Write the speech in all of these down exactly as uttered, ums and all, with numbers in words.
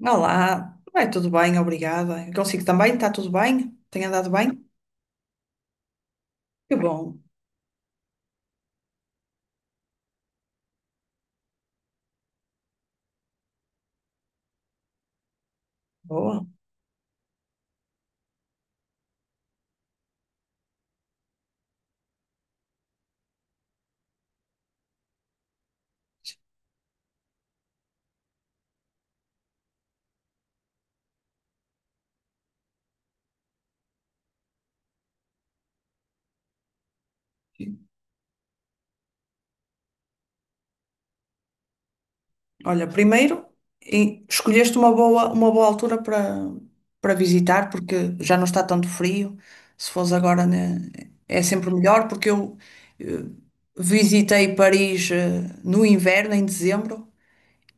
Olá, vai tudo bem, obrigada. Eu consigo também, está tudo bem? Tem andado bem? Que bom, boa. Olha, primeiro, e- escolheste uma boa, uma boa altura para, para visitar, porque já não está tanto frio. Se fosse agora, né, é sempre melhor, porque eu eh, visitei Paris eh, no inverno, em dezembro.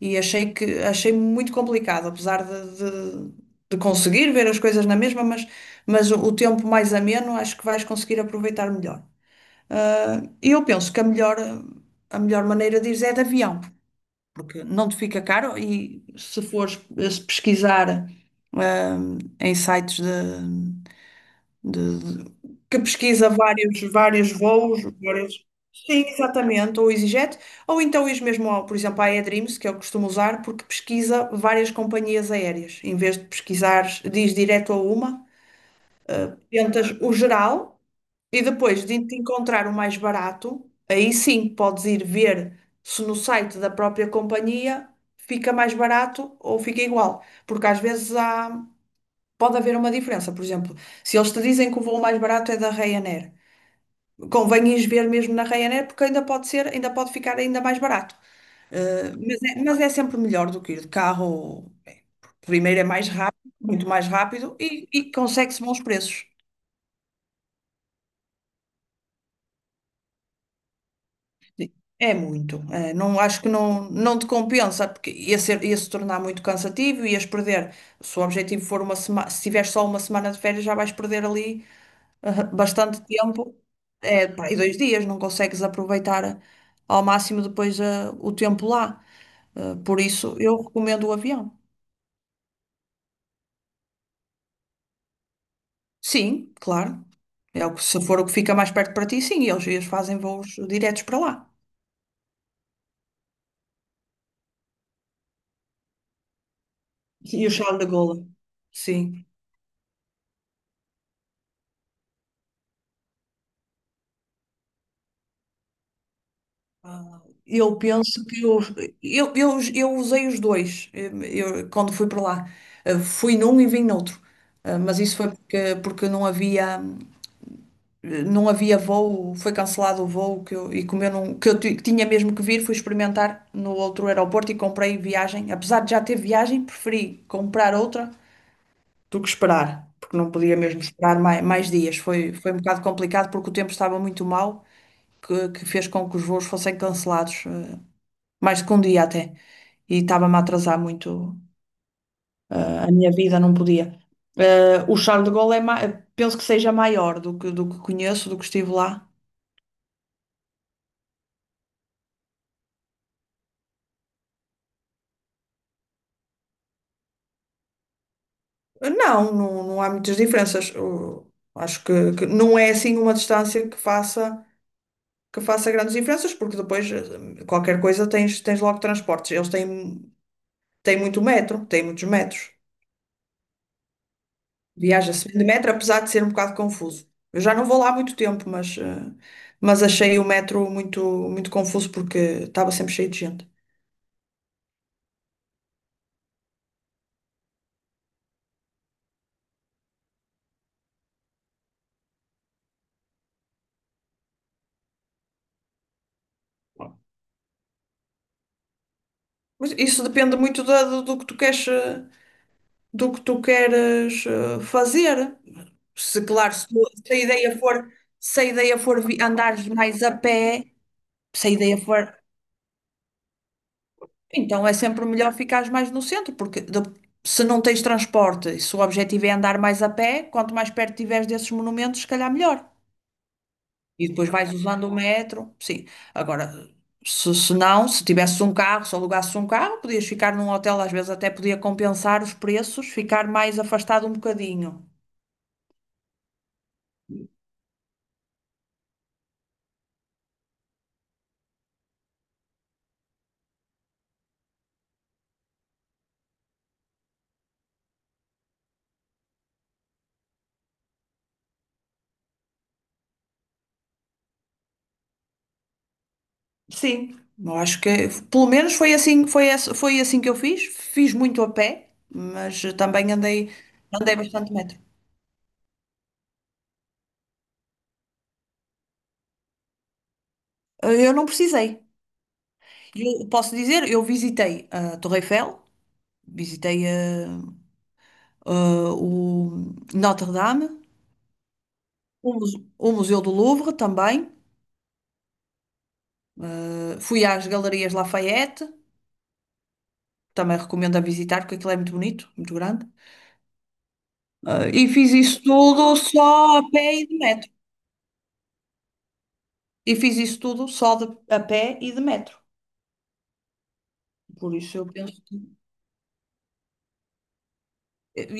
E achei que achei muito complicado, apesar de, de, de conseguir ver as coisas na mesma, mas, mas o, o tempo mais ameno acho que vais conseguir aproveitar melhor. Ah, E eu penso que a melhor, a melhor maneira de ir é de avião, porque não te fica caro e se fores eh, se pesquisar ah, em sites de- de- que pesquisa vários, vários voos, vários... Sim, exatamente, ou EasyJet, ou então ir mesmo, ao, por exemplo, à AirDreams, que eu costumo usar, porque pesquisa várias companhias aéreas. Em vez de pesquisar, diz direto a uma, tentas o geral e depois de te encontrar o mais barato, aí sim podes ir ver se no site da própria companhia fica mais barato ou fica igual. Porque às vezes há, pode haver uma diferença. Por exemplo, se eles te dizem que o voo mais barato é da Ryanair. Convém ires ver mesmo na Ryanair, porque ainda pode ser, ainda pode ficar ainda mais barato. Eh, mas é, mas é sempre melhor do que ir de carro. Primeiro é mais rápido, muito mais rápido e, e consegue-se bons preços. Sim. É muito. Eh, não acho que não, não te compensa, porque ia ser, ia se tornar muito cansativo, ias perder. Se o objetivo for uma semana, se tiveres só uma semana de férias, já vais perder ali ah, bastante tempo, é, pá, e dois dias, não consegues aproveitar eh, ao máximo depois ah, o tempo lá. Ah, por isso, eu recomendo o avião. Sim, claro. É o que, se for o que fica mais perto para ti, sim, eles, eles fazem voos diretos para lá. E o Charles de Gaulle. Sim. Eu penso que eu, eu, eu, eu usei os dois eu, eu- quando fui para lá. Eh, Fui num e vim noutro. Eh, Mas isso foi porque, porque não havia. eh, não havia voo, foi cancelado o voo que eu, e como eu não, que eu ti- que tinha mesmo que vir, fui experimentar no outro aeroporto e comprei viagem. Apesar de já ter viagem, preferi comprar outra do que esperar, porque não podia mesmo esperar mais, mais dias. Foi, foi um bocado complicado porque o tempo estava muito mau, que, que fez com que os voos fossem cancelados, eh, mais do que um dia até. E estava-me a atrasar muito, eh, a minha vida não podia. Eh, o Charles de Gaulle é ma- penso que seja maior do que, do que conheço, do que estive lá. Não, não, não há muitas diferenças. O- acho que, que não é assim uma distância que faça, que faça grandes diferenças, porque depois eh, qualquer coisa tens, tens logo transportes. Eles têm, têm muito metro, têm muitos metros. Viaja-se de metro, apesar de ser um bocado confuso. Eu já não vou lá há muito tempo, mas, eh, mas achei o metro muito, muito confuso porque estava sempre cheio de gente. Mas isso depende muito da- do, do que tu queres, eh, do que tu queres eh, fazer. Se, claro, se, tu- se a ideia for, se a ideia for vi- andares mais a pé, se a ideia for, então é sempre melhor ficares mais no centro, porque de- se não tens transporte, e se o objetivo é andar mais a pé, quanto mais perto tiveres desses monumentos, se calhar melhor. E depois vais usando o metro, sim. Agora, se, se não, se tivesses um carro, se alugasses um carro, podias ficar num hotel, às vezes até podia compensar os preços, ficar mais afastado um bocadinho. Sim, eu acho que pelo menos foi assim, foi, esse- foi assim que eu fiz. Fiz muito a pé, mas também andei, andei bastante metro. Eu não precisei. Eu posso dizer, eu visitei a Torre Eiffel, visitei a, a- o Notre Dame, o Muse- o Museu do Louvre também. Eh, fui às Galerias Lafayette, também recomendo a visitar, porque aquilo é muito bonito, muito grande. Eh, e fiz isso tudo só a pé e de metro. E fiz isso tudo só de- a pé e de metro. Por isso eu penso que...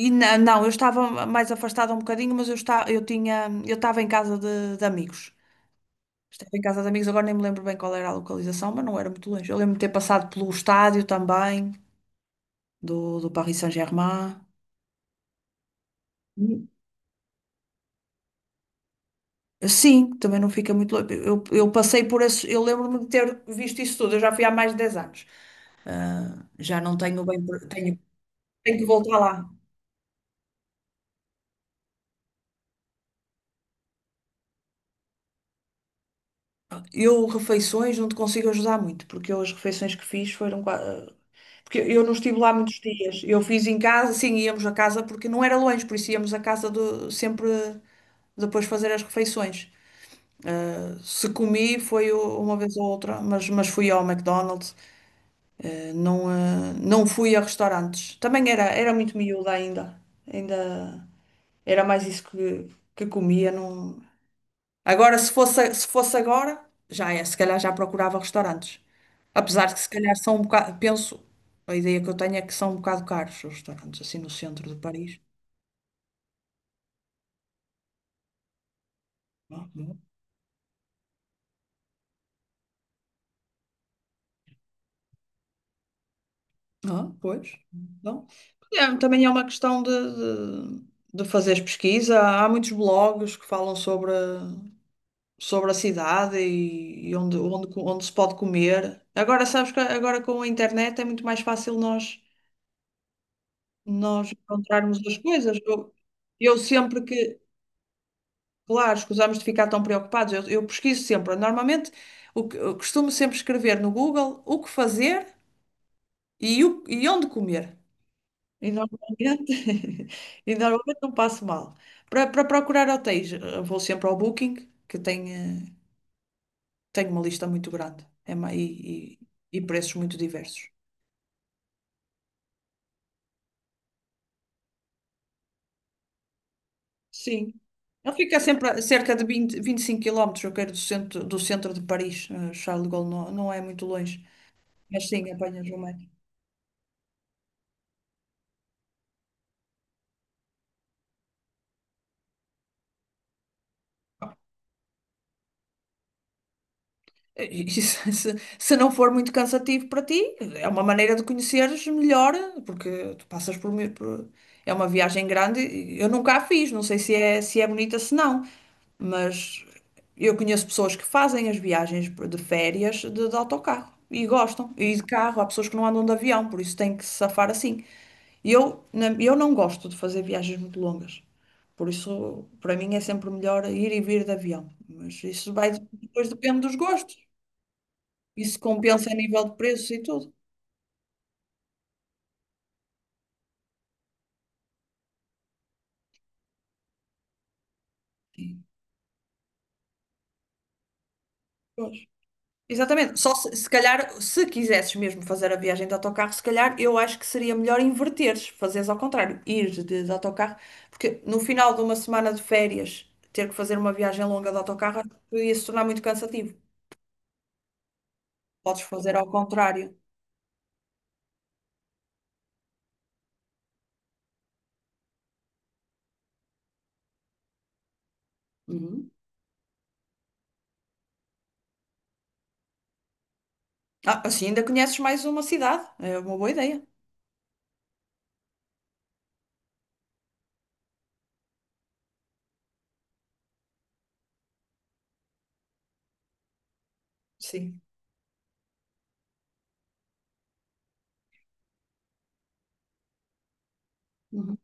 E na- não, eu estava mais afastada um bocadinho, mas eu, está, eu tinha, eu estava em casa de, de amigos. Estava em casa de amigos, agora nem me lembro bem qual era a localização, mas não era muito longe. Eu lembro-me de ter passado pelo estádio também, do, do Paris Saint-Germain. Sim, também não fica muito longe. Eu, eu passei por isso eu lembro-me de ter visto isso tudo, eu já fui há mais de dez anos. Ah, já não tenho bem, pre- tenho, Tenho que voltar lá. Eu, refeições, não te consigo ajudar muito, porque eu, as refeições que fiz foram. qua- ah, Porque eu não estive lá muitos dias. Eu fiz em casa, sim, íamos a casa, porque não era longe, por isso íamos a casa do, sempre depois fazer as refeições. Se comi, foi u- uma vez ou outra, mas, mas fui ao McDonald's. Não, eh, não fui a restaurantes. Também era, era muito miúda ainda. Ainda era mais isso que, que comia. Não... Agora, se fosse, se fosse agora, já é, se calhar já procurava restaurantes. Apesar de se calhar são um bocado, penso, a ideia que eu tenho é que são um bocado caros os restaurantes, assim no centro de Paris. Ah, bom. Ah, pois. Não. É, também é uma questão de, de, de fazeres pesquisa. Há muitos blogs que falam sobre. sobre a cidade e, e onde, onde, co- onde se pode comer. Agora, sabes que agora com a internet é muito mais fácil nós, nós encontrarmos as coisas. Eu, eu sempre que, claro, escusamos de ficar tão preocupados, eu, eu pesquiso sempre. Normalmente, o que, eu costumo sempre escrever no Google o que fazer e, o, e onde comer. E normalmente, e normalmente não passo mal. Para, para procurar hotéis, eu vou sempre ao Booking, que tem. eh, Tenho uma lista muito grande é ma- e, e, e preços muito diversos. Sim. Ele fica sempre a cerca de vinte, vinte e cinco quilómetros. Eu quero, do centro, do centro de Paris. eh, Charles de Gaulle não, não é muito longe, mas sim, apanhas o metro. É, E se, se- se não for muito cansativo para ti, é uma maneira de conheceres melhor, porque tu passas por, mi- por- É uma viagem grande, e eu nunca a fiz, não sei se é, se é bonita, se não, mas eu conheço pessoas que fazem as viagens de férias de, de autocarro e gostam, e de carro, há pessoas que não andam de avião, por isso têm que se safar assim. Eu, na- eu não gosto de fazer viagens muito longas, por isso para mim é sempre melhor ir e vir de avião, mas isso vai depois depende dos gostos. Isso compensa a nível de preços e tudo. E, Pois. Exatamente. Só se, se calhar, se quisesses mesmo fazer a viagem de autocarro, se calhar eu acho que seria melhor inverteres, fazeres ao contrário, ir de, de autocarro, porque no final de uma semana de férias, ter que fazer uma viagem longa de autocarro ia se tornar muito cansativo. Podes fazer ao contrário. Uhum. Ah, assim ainda conheces mais uma cidade. É uma boa ideia. Sim. Uhum.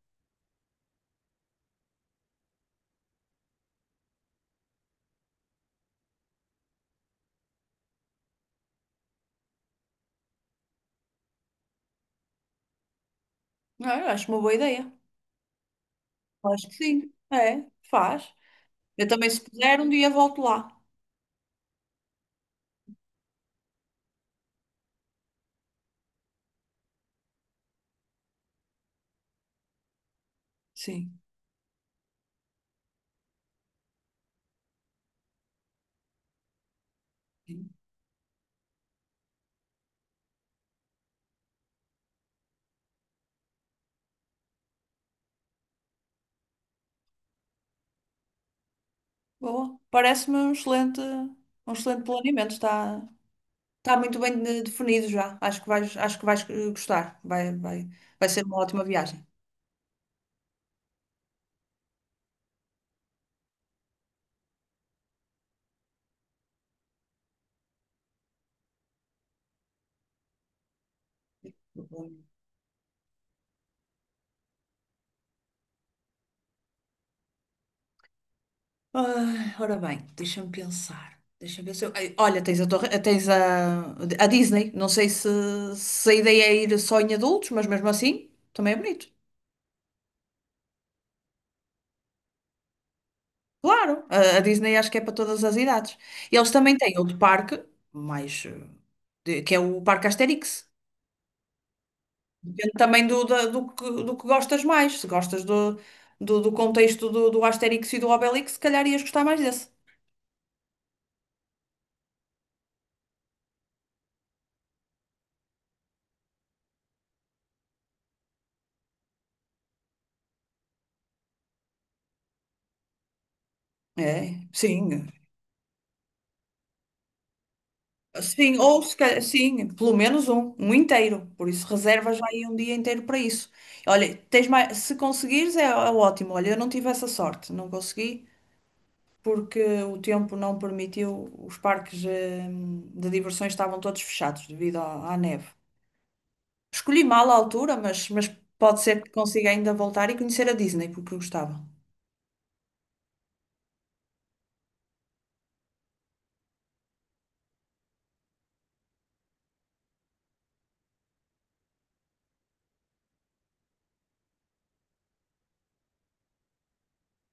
Ah, eu acho uma boa ideia. Acho que sim. É, faz. Eu também, se puder, um dia volto lá. Sim. Boa. Parece-me um excelente, um excelente planeamento. Está, está muito bem de- definido já. Acho que vais, acho que vais eh, gostar. Vai, vai, vai ser uma ótima viagem. Ai, ora bem, deixa-me pensar. Deixa-me pensar. Ai, olha, tens a torre, tens a, a Disney. Não sei se, se a ideia é ir só em adultos, mas mesmo assim também é bonito. Claro, a, a Disney acho que é para todas as idades. E eles também têm outro parque, mais, eh, de- que é o Parque Asterix. Depende também do, da- do, que, do que gostas mais. Se gostas do, do, do contexto do, do Asterix e do Obelix, se calhar ias gostar mais desse. É, sim. Sim, ou se calhar, sim, pelo menos um, um inteiro. Por isso, reservas já aí um dia inteiro para isso. Olha, tens mais, se conseguires é, é ótimo. Olha, eu não tive essa sorte, não consegui, porque o tempo não permitiu, os parques eh, de diversões estavam todos fechados devido à à neve. Escolhi mal a altura, mas, mas pode ser que consiga ainda voltar e conhecer a Disney, porque eu gostava.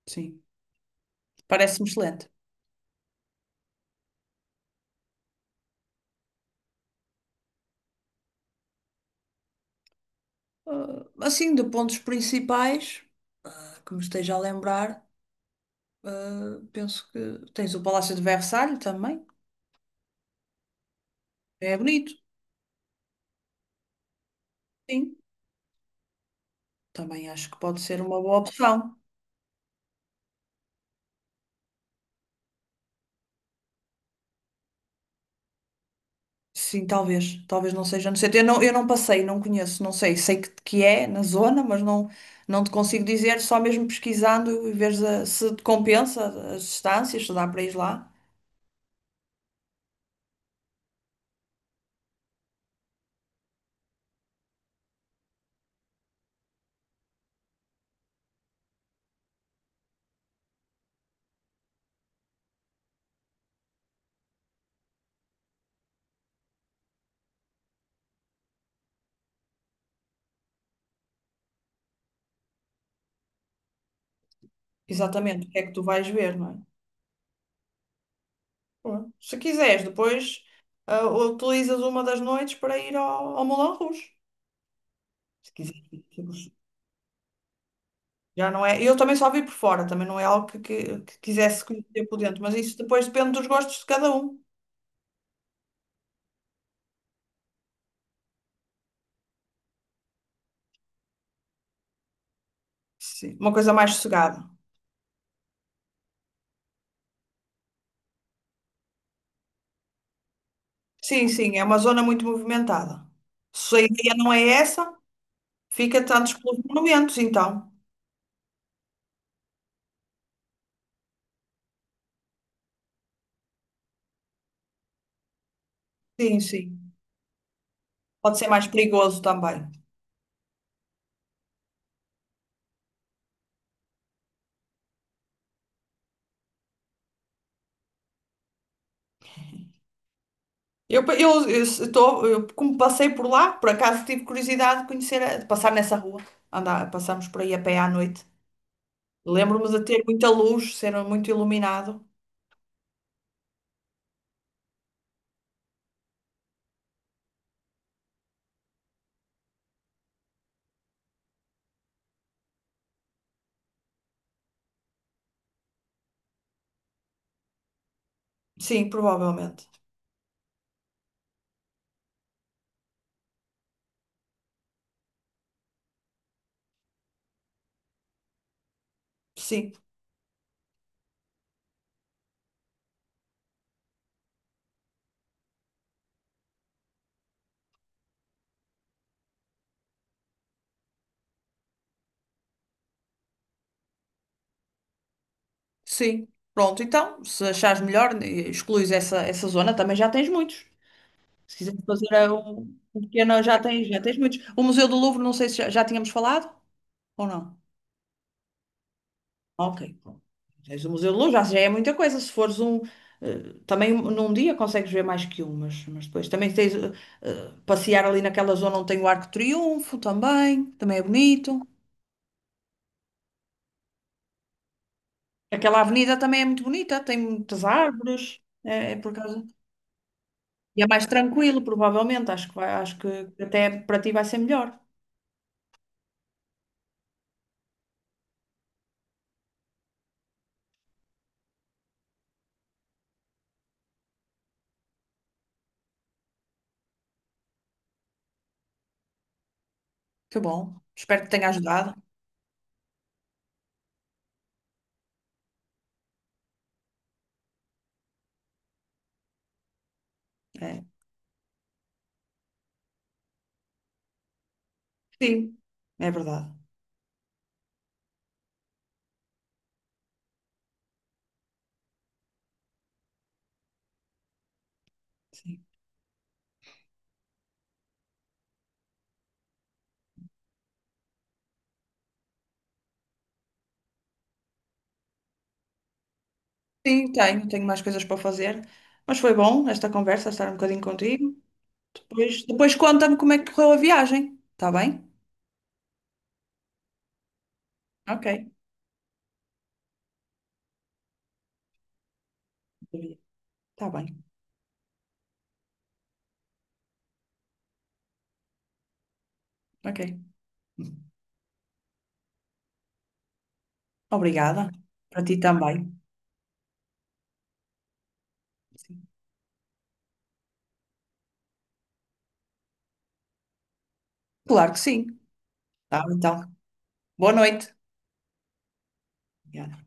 Sim, parece-me excelente. Ah, assim, de pontos principais, que me esteja a lembrar, ah, penso que tens o Palácio de Versalhes também. É bonito, sim. Também acho que pode ser uma boa opção. Sim, talvez. Talvez não seja no centro. Eu não, eu não passei, não conheço, não sei. Sei que, que é na zona, mas não, não te consigo dizer. Só mesmo pesquisando e veres a- se te compensa as distâncias, se dá para ir lá. Exatamente, o que é que tu vais ver, não é? Bom, se quiseres, depois ah, utilizas uma das noites para ir ao, ao Moulin Rouge. Se quiseres. Já não é. Eu também só vi por fora, também não é algo que, que, que quisesse conhecer por dentro, mas isso depois depende dos gostos de cada um. Sim. Uma coisa mais sossegada. Sim, sim, é uma zona muito movimentada. Se a ideia não é essa, fica tantos pelos monumentos, então. Sim, sim. Pode ser mais perigoso também. Eu, eu, eu se- eu, Como passei por lá, por acaso tive curiosidade de conhecer, a- de passar nessa rua. Andar, passamos por aí a pé à noite. Lembro-me de ter muita luz, ser muito iluminado. Sim, provavelmente. Sim. Sim. Pronto, então, se achares melhor, eh, excluís essa, essa zona, também já tens muitos. Se quiseres fazer eh, um, um pequeno, já tens, já tens muitos. O Museu do Louvre, não sei se já, já tínhamos falado ou não. Ok, pronto. Tens o Museu do Louvre, já, já é muita coisa. Se fores um. eh, Também um- num dia consegues ver mais que um, mas, mas depois também tens eh, eh, passear ali naquela zona onde tem o Arco de Triunfo também, também é bonito. Aquela avenida também é muito bonita, tem muitas árvores, é, é por causa. E é mais tranquilo, provavelmente. Acho que vai, acho que até para ti vai ser melhor. Que bom. Espero que tenha ajudado. É. Sim, é verdade. Sim. Sim, tenho, tenho mais coisas para fazer. Mas foi bom esta conversa, estar um bocadinho contigo. Depois, depois conta-me como é que correu a viagem. Está bem? Ok. Está bem. Ok. Obrigada. Para ti também. Sim. Claro que sim. Tá, então. Boa noite. Obrigada.